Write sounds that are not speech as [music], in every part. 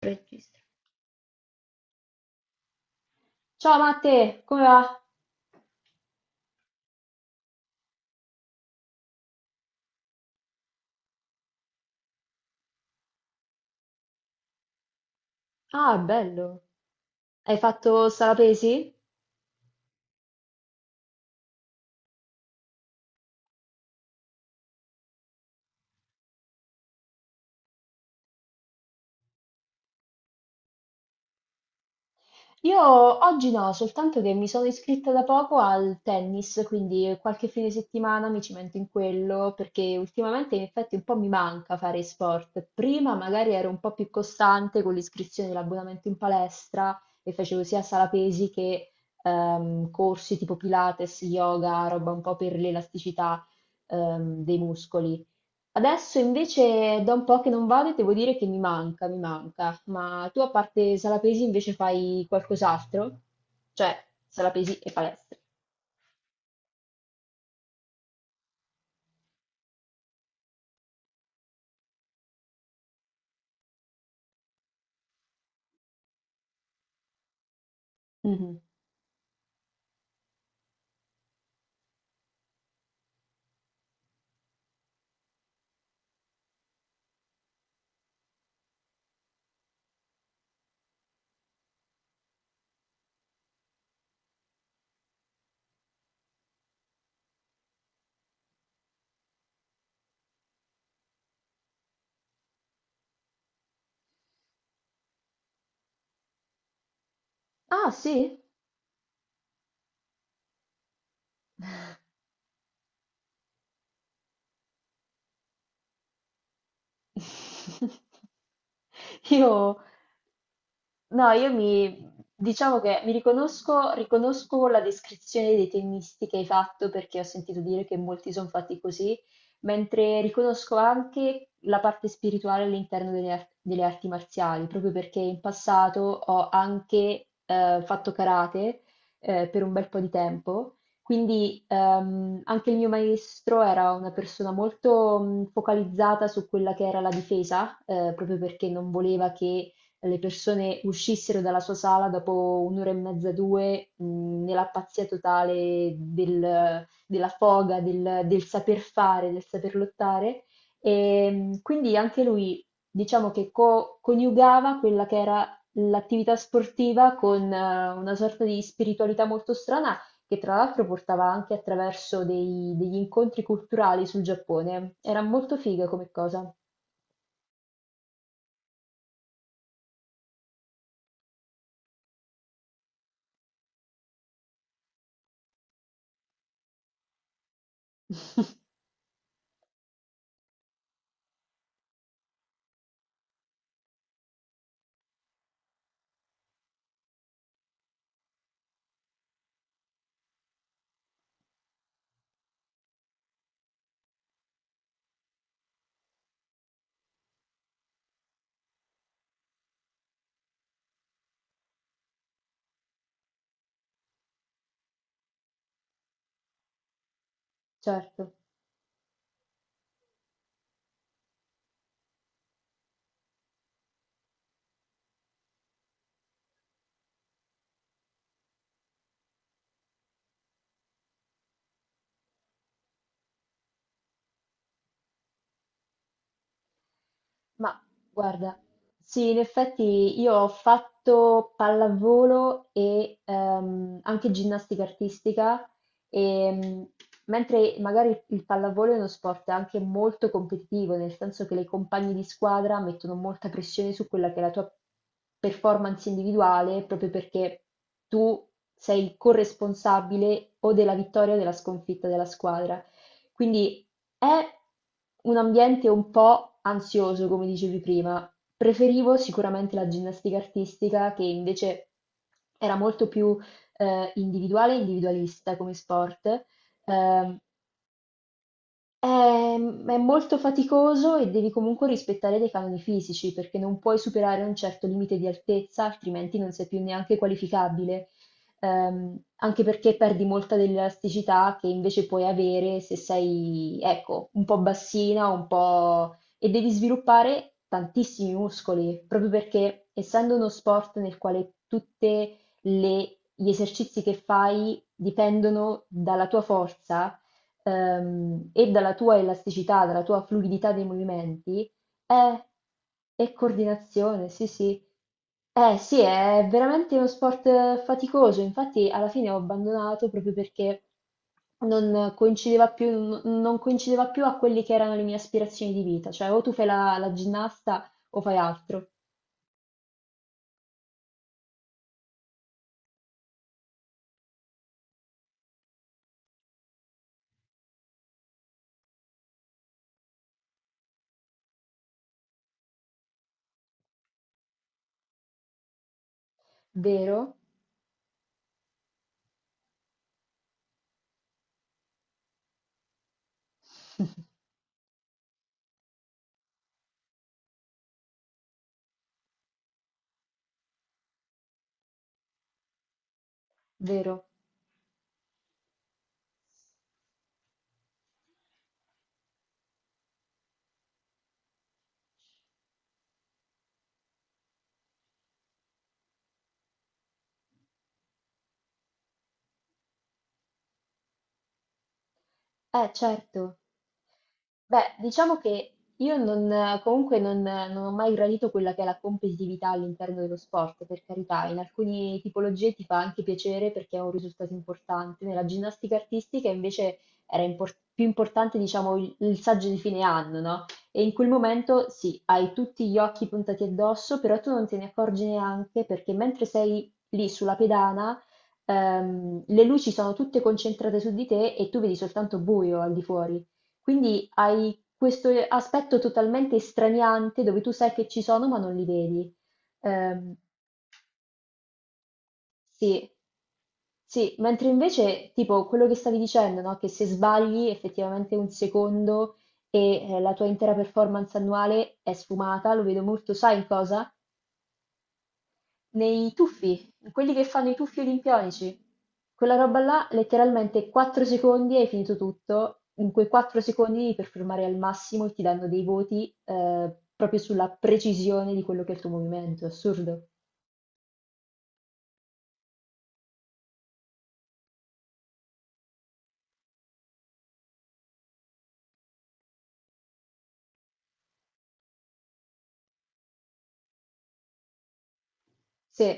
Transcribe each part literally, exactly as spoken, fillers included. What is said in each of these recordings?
Registra. Ciao Matte, come va? Ah, bello. Hai fatto salapesi? Io oggi no, soltanto che mi sono iscritta da poco al tennis, quindi qualche fine settimana mi cimento in quello, perché ultimamente in effetti un po' mi manca fare sport. Prima magari ero un po' più costante con l'iscrizione e l'abbonamento in palestra e facevo sia salapesi che ehm, corsi tipo Pilates, yoga, roba un po' per l'elasticità ehm, dei muscoli. Adesso invece da un po' che non vado e devo dire che mi manca, mi manca. Ma tu a parte Salapesi invece fai qualcos'altro? Cioè, Salapesi e palestra. Mhm. Ah, sì? [laughs] Io No, io mi diciamo che mi riconosco, riconosco la descrizione dei tennisti che hai fatto perché ho sentito dire che molti sono fatti così, mentre riconosco anche la parte spirituale all'interno delle, ar- delle arti marziali, proprio perché in passato ho anche eh, fatto karate eh, per un bel po' di tempo, quindi ehm, anche il mio maestro era una persona molto mh, focalizzata su quella che era la difesa, eh, proprio perché non voleva che le persone uscissero dalla sua sala dopo un'ora e mezza, due, mh, nella pazzia totale del- della foga, del, del saper fare, del saper lottare. E mh, quindi anche lui, diciamo che co- coniugava quella che era l'attività sportiva con eh, una sorta di spiritualità molto strana, che tra l'altro portava anche attraverso dei- degli incontri culturali sul Giappone. Era molto figa come cosa. [laughs] Certo. Ma guarda, sì, in effetti io ho fatto pallavolo e ehm, anche ginnastica artistica, e, mh, mentre magari il pallavolo è uno sport anche molto competitivo, nel senso che le compagne di squadra mettono molta pressione su quella che è la tua performance individuale, proprio perché tu sei il corresponsabile o della vittoria o della sconfitta della squadra. Quindi è un ambiente un po' ansioso, come dicevi prima. Preferivo sicuramente la ginnastica artistica, che invece era molto più eh, individuale e individualista come sport. Ehm, Ehm, è molto faticoso e devi comunque rispettare dei canoni fisici perché non puoi superare un certo limite di altezza, altrimenti non sei più neanche qualificabile. Ehm, anche perché perdi molta dell'elasticità che invece puoi avere se sei, ecco, un po' bassina, un po' e devi sviluppare tantissimi muscoli, proprio perché essendo uno sport nel quale tutte le gli esercizi che fai dipendono dalla tua forza, ehm, e dalla tua elasticità, dalla tua fluidità dei movimenti, è, è coordinazione, sì, sì. Eh sì, è veramente uno sport eh, faticoso, infatti alla fine ho abbandonato proprio perché non coincideva più, n- non coincideva più a quelli che erano le mie aspirazioni di vita, cioè o tu fai la, la ginnasta o fai altro, vero? [laughs] Vero? Eh certo. Beh, diciamo che io non, comunque non, non ho mai gradito quella che è la competitività all'interno dello sport, per carità, in alcune tipologie ti fa anche piacere perché è un risultato importante. Nella ginnastica artistica invece era impor- più importante, diciamo, il, il saggio di fine anno, no? E in quel momento sì, hai tutti gli occhi puntati addosso, però tu non te ne accorgi neanche perché mentre sei lì sulla pedana, ehm, le luci sono tutte concentrate su di te e tu vedi soltanto buio al di fuori. Quindi hai questo eh, aspetto totalmente straniante dove tu sai che ci sono ma non li vedi. Ehm, sì, sì, mentre invece tipo quello che stavi dicendo, no? Che se sbagli effettivamente un secondo e eh, la tua intera performance annuale è sfumata, lo vedo molto, sai in cosa? Nei tuffi, in quelli che fanno i tuffi olimpionici. Quella roba là, letteralmente quattro secondi hai finito tutto. In quei quattro secondi devi performare al massimo e ti danno dei voti eh, proprio sulla precisione di quello che è il tuo movimento. Assurdo. Sì,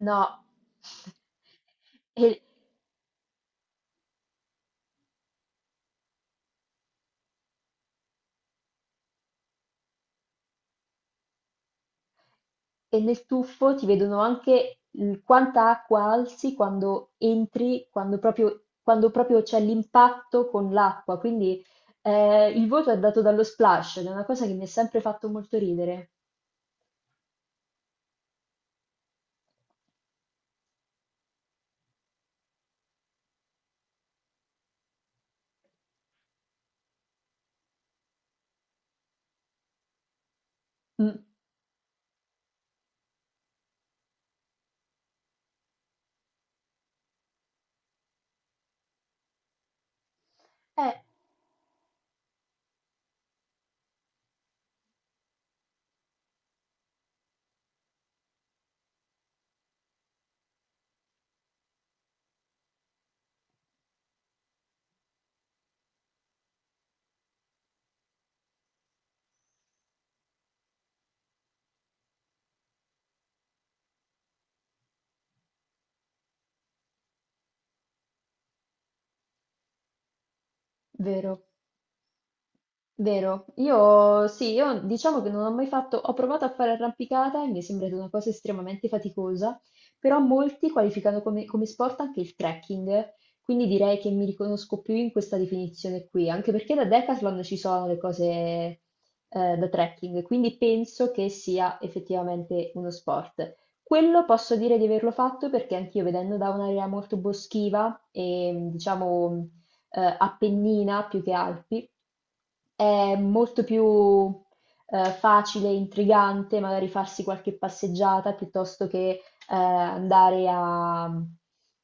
no. [laughs] E- E nel tuffo ti vedono anche il quanta acqua alzi quando entri, quando proprio, quando proprio c'è l'impatto con l'acqua. Quindi eh, il voto è dato dallo splash, ed è una cosa che mi ha sempre fatto molto ridere. Mm. Eh, vero. Vero, io sì, io diciamo che non ho mai fatto, ho provato a fare arrampicata e mi è sembrata una cosa estremamente faticosa, però molti qualificano come, come sport anche il trekking, quindi direi che mi riconosco più in questa definizione qui, anche perché da Decathlon ci sono le cose eh, da trekking, quindi penso che sia effettivamente uno sport. Quello posso dire di averlo fatto perché anch'io vedendo da un'area molto boschiva e diciamo eh, Appennina più che Alpi, è molto più eh, facile e intrigante magari farsi qualche passeggiata piuttosto che eh, andare a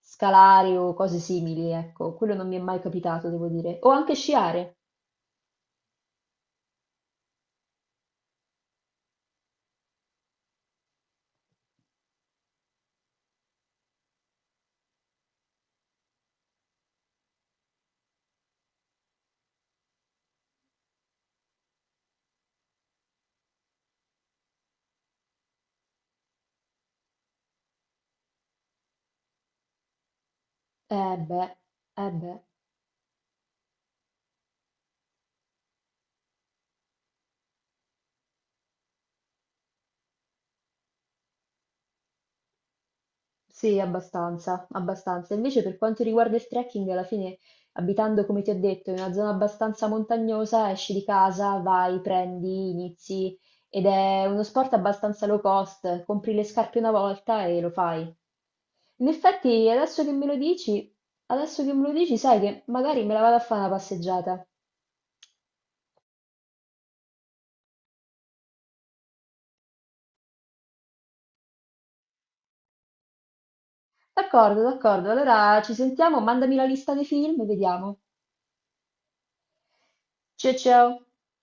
scalare o cose simili, ecco, quello non mi è mai capitato, devo dire. O anche sciare. Eh beh, eh beh. Sì, abbastanza, abbastanza. Invece per quanto riguarda il trekking, alla fine, abitando, come ti ho detto, in una zona abbastanza montagnosa, esci di casa, vai, prendi, inizi ed è uno sport abbastanza low cost, compri le scarpe una volta e lo fai. In effetti, adesso che me lo dici, adesso che me lo dici, sai che magari me la vado a fare una passeggiata. D'accordo, d'accordo. Allora ci sentiamo, mandami la lista dei film e vediamo. Ciao ciao.